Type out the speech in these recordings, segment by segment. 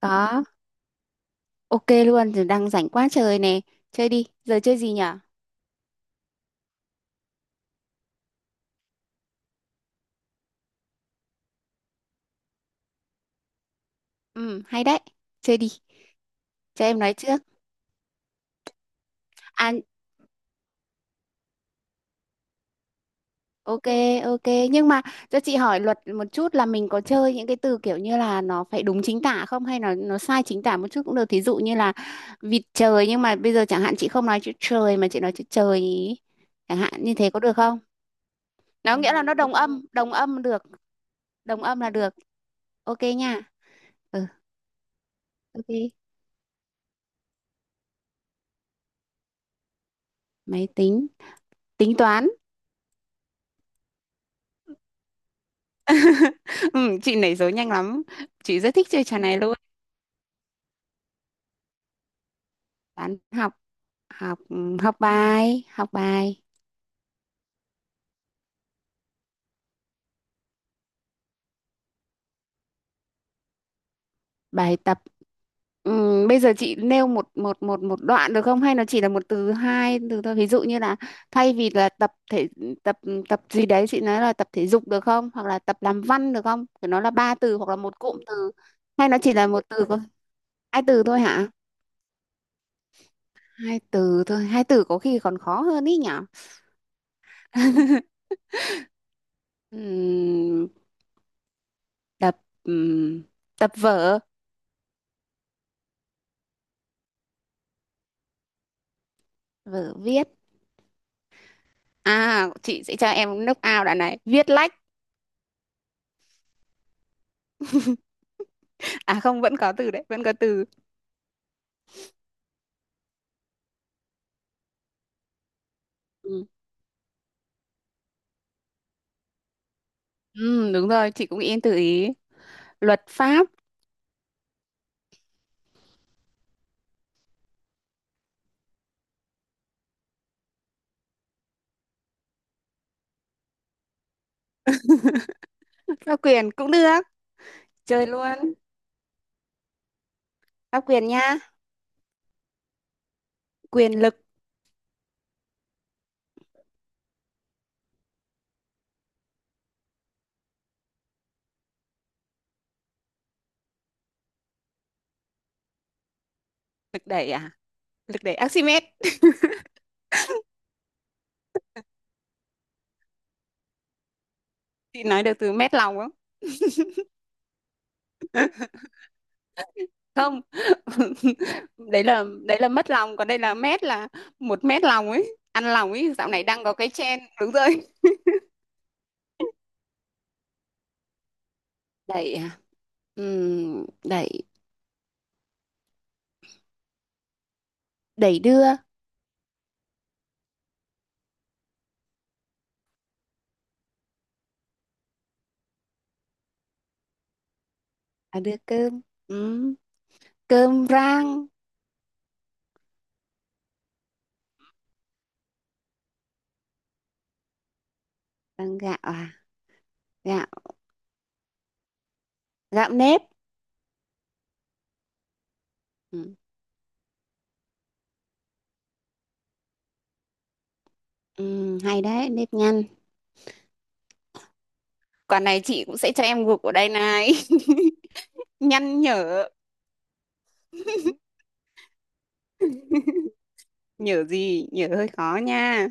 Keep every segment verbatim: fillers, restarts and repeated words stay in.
Đó, ok luôn, giờ đang rảnh quá trời nè. Chơi đi, giờ chơi gì nhở? Ừ, hay đấy. Chơi đi, cho em nói trước. À, ok, ok. Nhưng mà cho chị hỏi luật một chút là mình có chơi những cái từ kiểu như là nó phải đúng chính tả không hay là nó sai chính tả một chút cũng được. Thí dụ như là vịt trời nhưng mà bây giờ chẳng hạn chị không nói chữ trời mà chị nói chữ trời ý. Chẳng hạn như thế có được không? Nó Ừ, nghĩa là nó đồng âm, đồng âm được, đồng âm là được. Ok nha. Ừ, ok. Máy tính, tính toán. Ừ, chị nảy số nhanh lắm, chị rất thích chơi trò này luôn. Toán học. Học. Học bài. Học bài. Bài tập. Ừ, bây giờ chị nêu một một một một đoạn được không, hay nó chỉ là một từ, hai từ thôi, ví dụ như là thay vì là tập thể, tập tập gì đấy chị nói là tập thể dục được không, hoặc là tập làm văn được không, thì nó là ba từ hoặc là một cụm từ, hay nó chỉ là một từ có hai từ thôi hả? Hai từ thôi. Hai từ có khi còn khó hơn ý nhở. Ừm, tập ừm, tập vở. Vở viết à? Chị sẽ cho em knock out đoạn này. Viết lách. À không, vẫn có từ đấy, vẫn có từ. Ừ. Ừ, đúng rồi, chị cũng yên tự ý. Luật pháp. Pháp quyền cũng được, chơi luôn. Pháp quyền nha. Quyền lực. Lực đẩy à? Lực đẩy Archimedes. Chị nói được từ mét lòng không? Không. Đấy là, đấy là mất lòng, còn đây là mét, là một mét lòng ấy, ăn lòng ấy, dạo này đang có cái trend, đúng rồi. Đẩy à? Ừm, đẩy đẩy đưa. À, đưa cơm. Ừ. Cơm rang bằng gạo à? Gạo gạo nếp. Ừ. Ừ, hay đấy. Nếp nhăn. Quả này chị cũng sẽ cho em gục ở đây này. Nhăn nhở. Nhở gì nhở, hơi khó nha.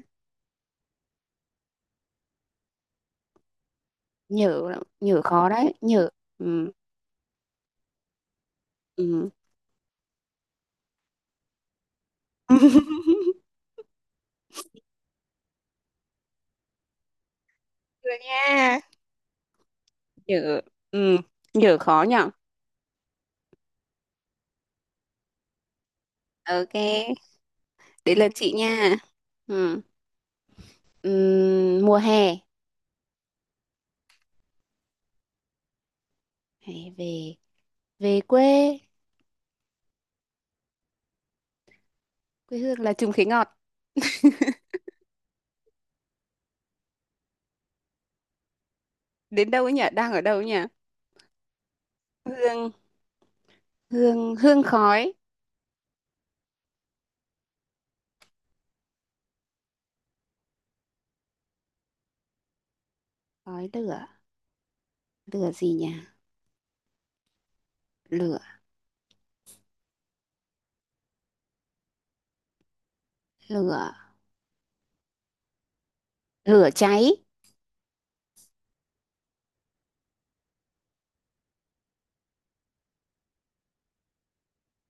Nhở. Nhở khó đấy nhở. Ừ. Ừ. Được nha. Nhở. Ừ. Nhở khó nhở. Ok, đến lượt chị nha. Ừ. Ừ. Mùa hè. Hãy về. Về quê. Quê hương là Trùng Khế Ngọt. Đến đâu ấy nhỉ, đang ở đâu ấy nhỉ? Hương. Hương hương khói. Khói lửa. Lửa gì nhỉ? Lửa. Lửa lửa cháy.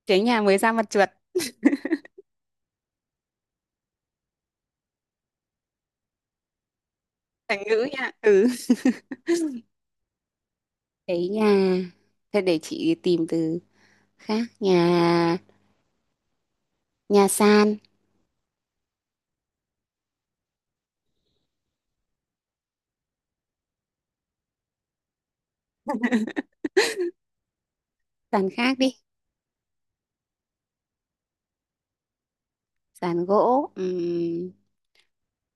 Cháy nhà mới ra mặt chuột. Thành ngữ nha. Ừ. Cháy nhà, thế để chị tìm từ khác. Nhà. Nhà sàn. Sàn khác đi. Sàn gỗ. ừm,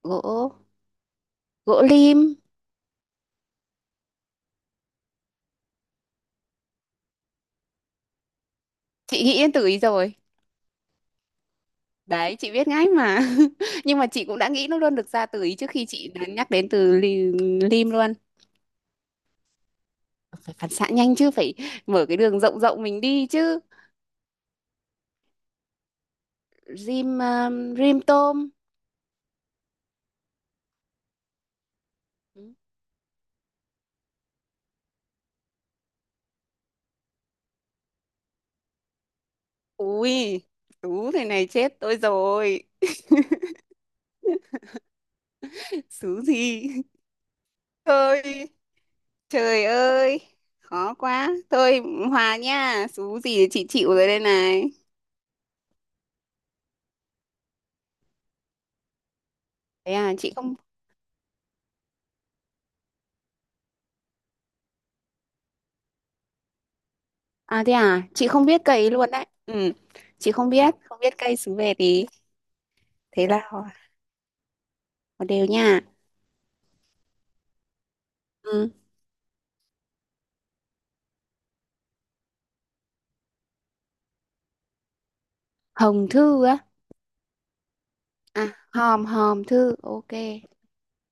gỗ gỗ lim. Chị nghĩ đến từ ý rồi. Đấy, chị biết ngay mà. Nhưng mà chị cũng đã nghĩ nó luôn, được ra từ ý trước khi chị đã nhắc đến từ li, lim luôn. Phải phản xạ nhanh chứ, phải mở cái đường rộng rộng mình đi chứ. Rim um, rim tôm. Ui, tú thế này chết tôi rồi. Xứ gì? Thôi, trời ơi. Khó quá. Thôi hòa nha, xứ gì chị chịu rồi đây này. Thế à, chị không À, thế à, chị không biết cây luôn đấy. Ừ. Chị không biết, không biết cây xứ về thì thế là hòa- một đều nha. Ừ. Hồng thư á? À, hòm hòm thư. Ok.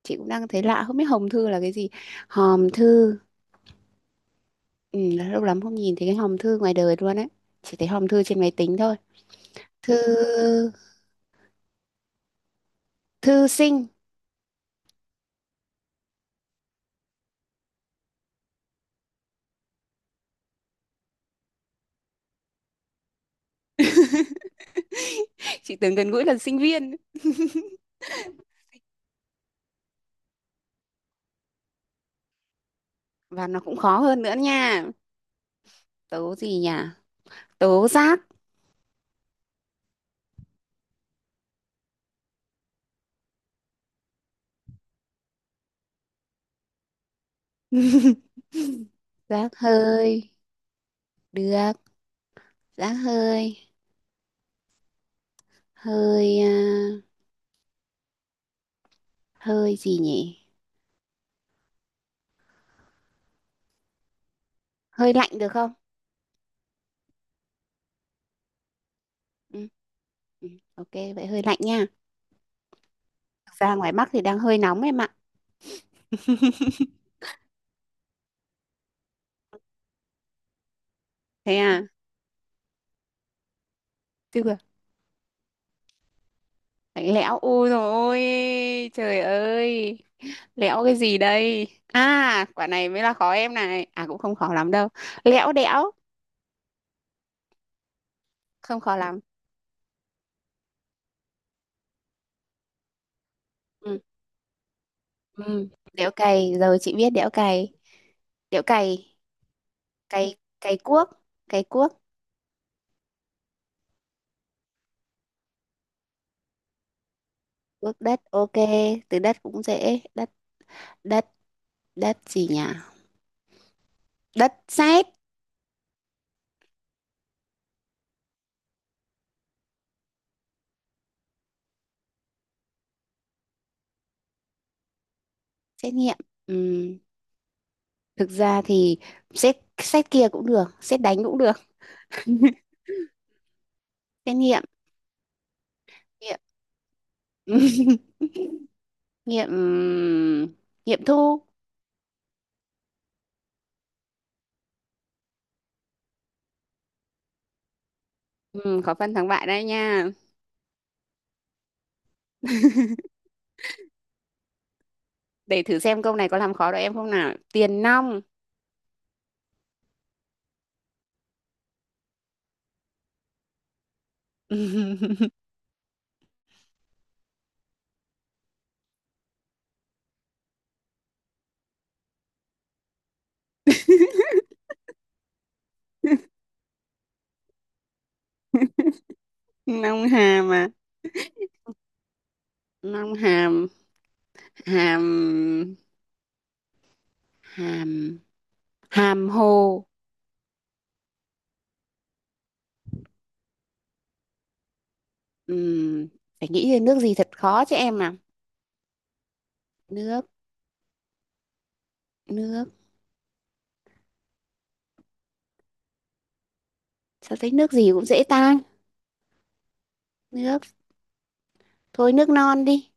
Chị cũng đang thấy lạ, không biết hòm thư là cái gì. Hòm thư. Ừ, lâu lắm không nhìn thấy cái hòm thư ngoài đời luôn ấy, chỉ thấy hòm thư trên máy tính thôi. Thư. Thư sinh. Chị tưởng gần gũi là sinh viên. Và nó cũng khó hơn nữa nha. Tố gì nhỉ? Tố giác. Giác hơi được. Giác hơi. Hơi à? Hơi gì nhỉ? Hơi lạnh được không? Ừ. Ừ, ok vậy hơi lạnh nha. Thực ra ngoài Bắc thì đang hơi nóng em ạ. Thế à. Tức là bánh lẽo, ôi rồi, ôi trời ơi, lẽo cái gì đây, à quả này mới là khó em này, à cũng không khó lắm đâu. Lẽo đẽo. Không khó lắm. Ừ. Ừ. Đẽo cày rồi, chị biết đẽo cày. Đẽo cày. Cày. Cày cuốc. Cày cuốc. Cuốc đất. Ok, từ đất cũng dễ. Đất. Đất. Đất gì nhỉ? Đất sét. Xét nghiệm. Ừ. Thực ra thì xét, xét kia cũng được, xét đánh cũng được. Xét nghiệm. Nghiệm. Nghiệm. Nghiệm thu. Ừ, khó phân thắng bại đây nha. Để thử xem câu này có làm khó được em không nào. Tiền nong. Nong hàm à? Nong hàm. Hàm. Hàm. Hàm hồ. Ừm, phải nghĩ về nước gì thật khó cho em à. Nước. Nước. Sao thấy nước gì cũng dễ tan. Nước. Thôi nước non đi.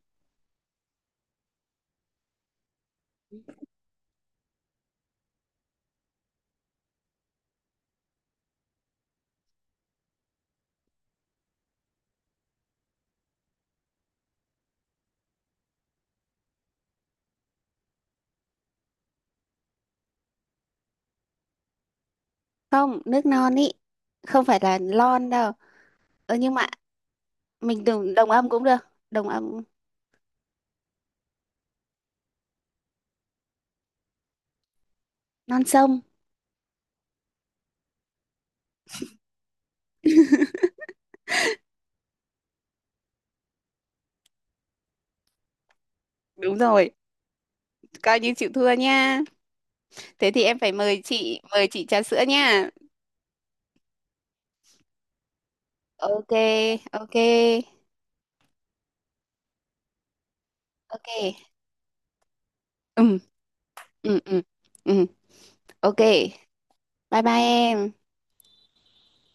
Không, nước non ý. Không phải là lon đâu. Ơ nhưng mà mình đồng, đồng âm cũng được. Đồng âm. Non sông. Đúng rồi, coi như chịu thua nha. Thế thì em phải mời chị, mời chị trà sữa nha. Ok, ok, ok. Ừ, ừ, ừ, ừ, ok. Bye bye em.